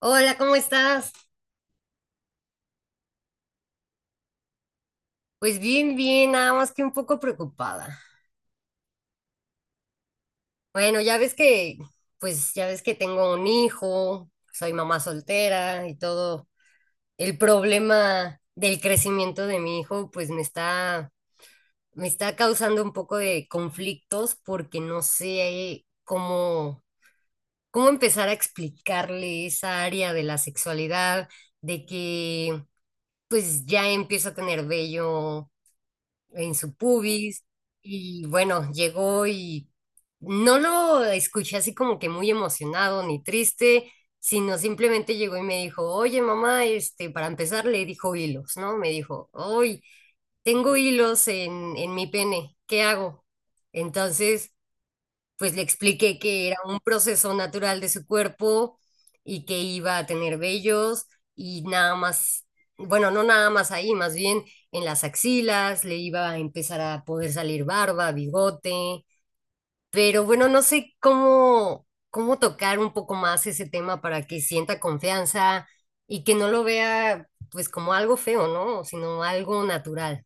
Hola, ¿cómo estás? Pues bien, bien, nada más que un poco preocupada. Bueno, pues ya ves que tengo un hijo, soy mamá soltera y todo. El problema del crecimiento de mi hijo, pues me está causando un poco de conflictos porque no sé cómo empezar a explicarle esa área de la sexualidad, de que pues ya empiezo a tener vello en su pubis y bueno, llegó y no lo escuché así como que muy emocionado ni triste, sino simplemente llegó y me dijo, oye mamá, este, para empezar le dijo hilos, ¿no? Me dijo, hoy tengo hilos en mi pene, ¿qué hago? Entonces pues le expliqué que era un proceso natural de su cuerpo y que iba a tener vellos y nada más, bueno, no nada más ahí, más bien en las axilas, le iba a empezar a poder salir barba, bigote, pero bueno, no sé cómo tocar un poco más ese tema para que sienta confianza y que no lo vea pues como algo feo, ¿no? Sino algo natural.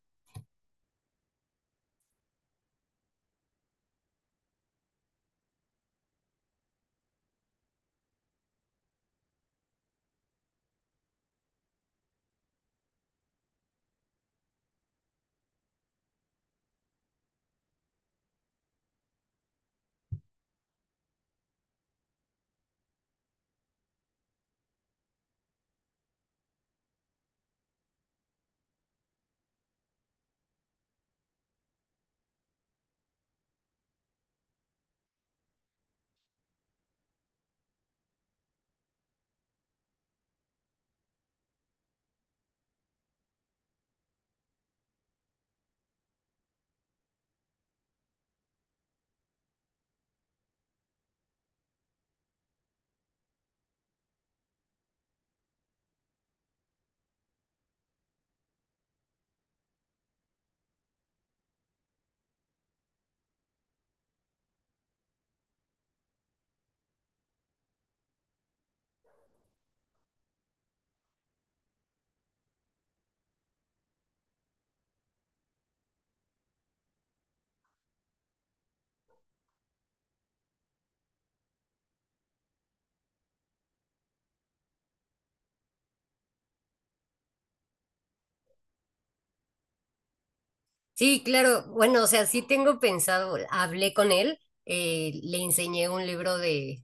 Sí, claro. Bueno, o sea, sí tengo pensado, hablé con él, le enseñé un libro de,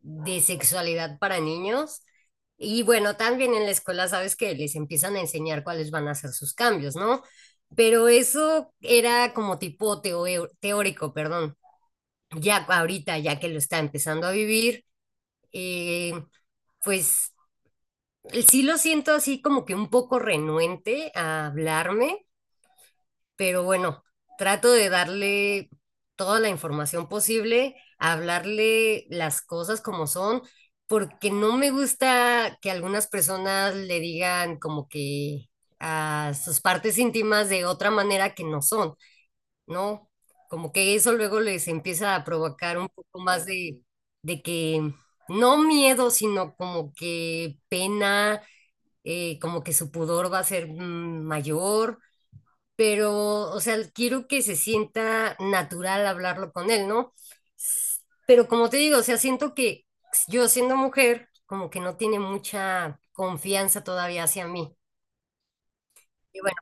de sexualidad para niños y bueno, también en la escuela sabes que les empiezan a enseñar cuáles van a ser sus cambios, ¿no? Pero eso era como tipo teórico, perdón. Ya ahorita, ya que lo está empezando a vivir, eh, pues sí lo siento así como que un poco renuente a hablarme pero bueno, trato de darle toda la información posible, hablarle las cosas como son, porque no me gusta que algunas personas le digan como que a sus partes íntimas de otra manera que no son, ¿no? Como que eso luego les empieza a provocar un poco más de que, no miedo, sino como que pena, como que su pudor va a ser mayor pero, o sea, quiero que se sienta natural hablarlo con él, ¿no? S- Pero como te digo, o sea, siento que yo siendo mujer, como que no tiene mucha confianza todavía hacia mí. Y bueno,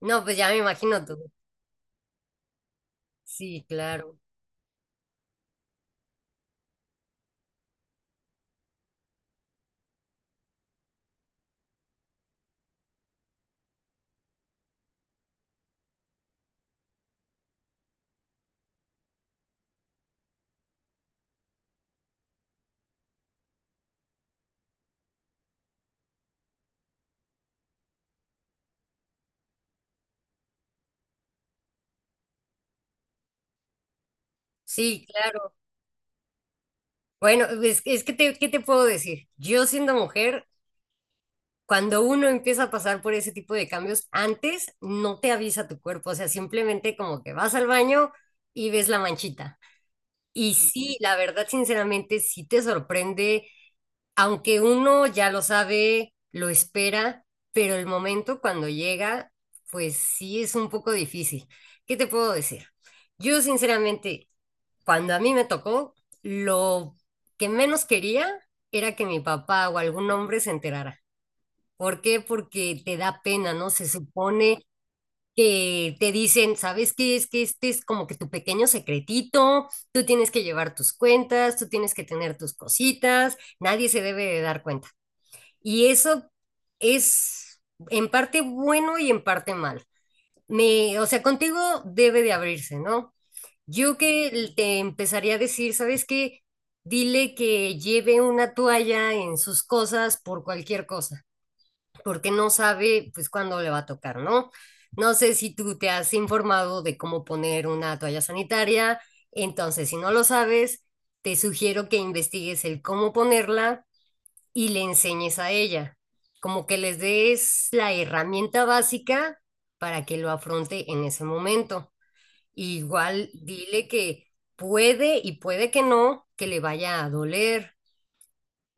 no, pues ya me imagino tú. Sí, claro. Sí, claro. Bueno, es que te, ¿qué te puedo decir? Yo siendo mujer, cuando uno empieza a pasar por ese tipo de cambios, antes no te avisa tu cuerpo, o sea, simplemente como que vas al baño y ves la manchita. Y sí, la verdad, sinceramente, sí te sorprende, aunque uno ya lo sabe, lo espera, pero el momento cuando llega, pues sí es un poco difícil. ¿Qué te puedo decir? Yo, sinceramente, cuando a mí me tocó, lo que menos quería era que mi papá o algún hombre se enterara. ¿Por qué? Porque te da pena, ¿no? Se supone que te dicen, ¿sabes qué? Es que este es como que tu pequeño secretito, tú tienes que llevar tus cuentas, tú tienes que tener tus cositas, nadie se debe de dar cuenta. Y eso es en parte bueno y en parte mal. Me, o sea, contigo debe de abrirse, ¿no? Yo que te empezaría a decir, ¿sabes qué? Dile que lleve una toalla en sus cosas por cualquier cosa porque no sabe pues cuándo le va a tocar, ¿no? No sé si tú te has informado de cómo poner una toalla sanitaria, entonces si no lo sabes, te sugiero que investigues el cómo ponerla y le enseñes a ella, como que les des la herramienta básica para que lo afronte en ese momento. Igual dile que puede y puede que no, que le vaya a doler,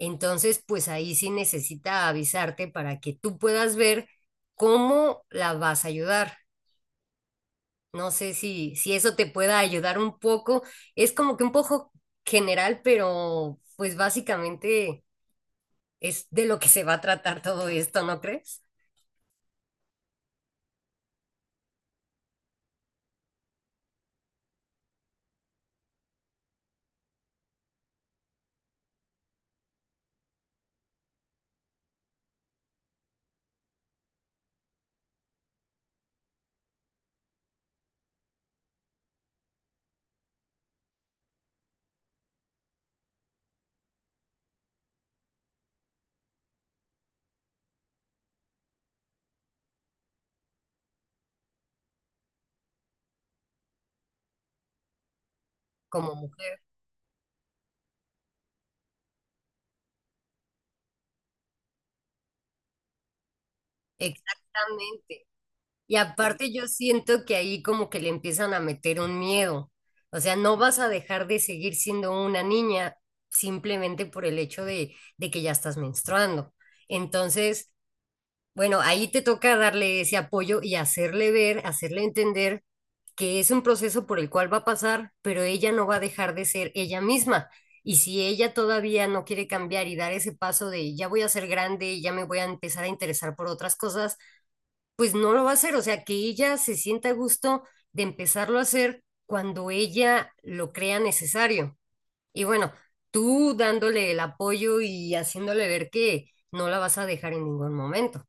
entonces, pues ahí sí necesita avisarte para que tú puedas ver cómo la vas a ayudar. No sé si eso te pueda ayudar un poco. Es como que un poco general, pero pues básicamente es de lo que se va a tratar todo esto, ¿no crees? Como mujer. Exactamente. Y aparte yo siento que ahí como que le empiezan a meter un miedo. O sea, no vas a dejar de seguir siendo una niña simplemente por el hecho de que ya estás menstruando. Entonces, bueno, ahí te toca darle ese apoyo y hacerle ver, hacerle entender que es un proceso por el cual va a pasar, pero ella no va a dejar de ser ella misma. Y si ella todavía no quiere cambiar y dar ese paso de ya voy a ser grande, ya me voy a empezar a interesar por otras cosas, pues no lo va a hacer, o sea, que ella se sienta a gusto de empezarlo a hacer cuando ella lo crea necesario. Y bueno, tú dándole el apoyo y haciéndole ver que no la vas a dejar en ningún momento.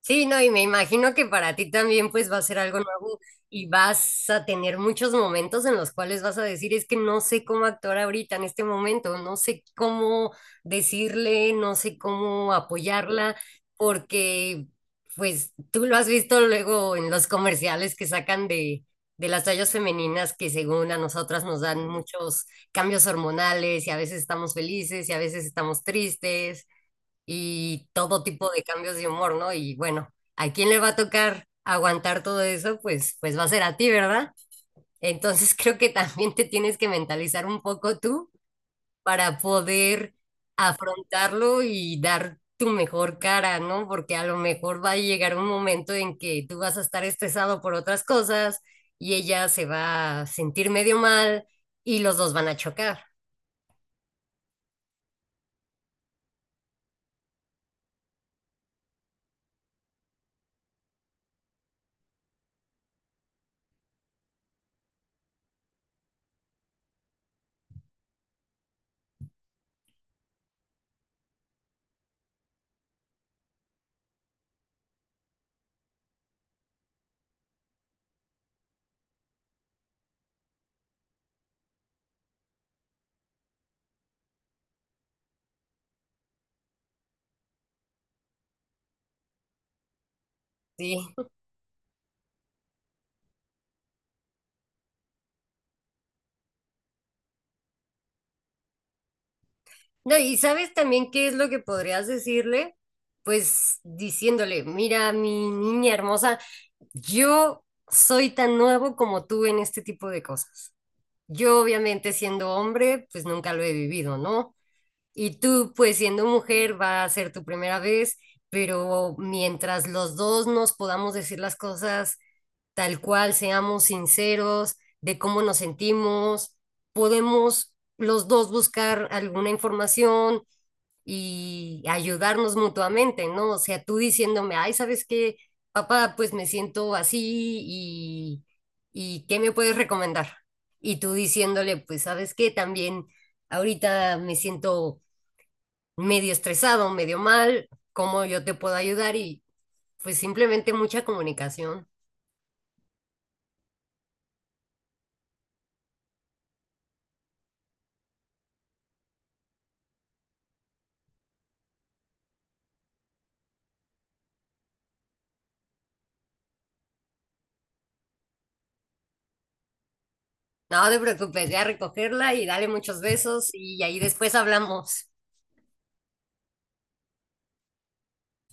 Sí, no, y me imagino que para ti también pues va a ser algo nuevo y vas a tener muchos momentos en los cuales vas a decir, es que no sé cómo actuar ahorita en este momento, no sé cómo decirle, no sé cómo apoyarla, porque pues tú lo has visto luego en los comerciales que sacan de las tallas femeninas que según a nosotras nos dan muchos cambios hormonales y a veces estamos felices y a veces estamos tristes y todo tipo de cambios de humor, ¿no? Y bueno, ¿a quién le va a tocar aguantar todo eso? Pues va a ser a ti, ¿verdad? Entonces creo que también te tienes que mentalizar un poco tú para poder afrontarlo y dar tu mejor cara, ¿no? Porque a lo mejor va a llegar un momento en que tú vas a estar estresado por otras cosas y ella se va a sentir medio mal y los dos van a chocar, ¿sí? No, y sabes también qué es lo que podrías decirle, pues diciéndole, mira, mi niña hermosa, yo soy tan nuevo como tú en este tipo de cosas. Yo obviamente siendo hombre, pues nunca lo he vivido, ¿no? Y tú, pues siendo mujer, va a ser tu primera vez, pero mientras los dos nos podamos decir las cosas tal cual, seamos sinceros de cómo nos sentimos, podemos los dos buscar alguna información y ayudarnos mutuamente, ¿no? O sea, tú diciéndome, ay, ¿sabes qué? Papá, pues me siento así y, y ¿qué me puedes recomendar? Y tú diciéndole, pues, ¿sabes qué? También ahorita me siento medio estresado, medio mal, ¿cómo yo te puedo ayudar? Y pues simplemente mucha comunicación. No te preocupes, ya recogerla y dale muchos besos y ahí después hablamos.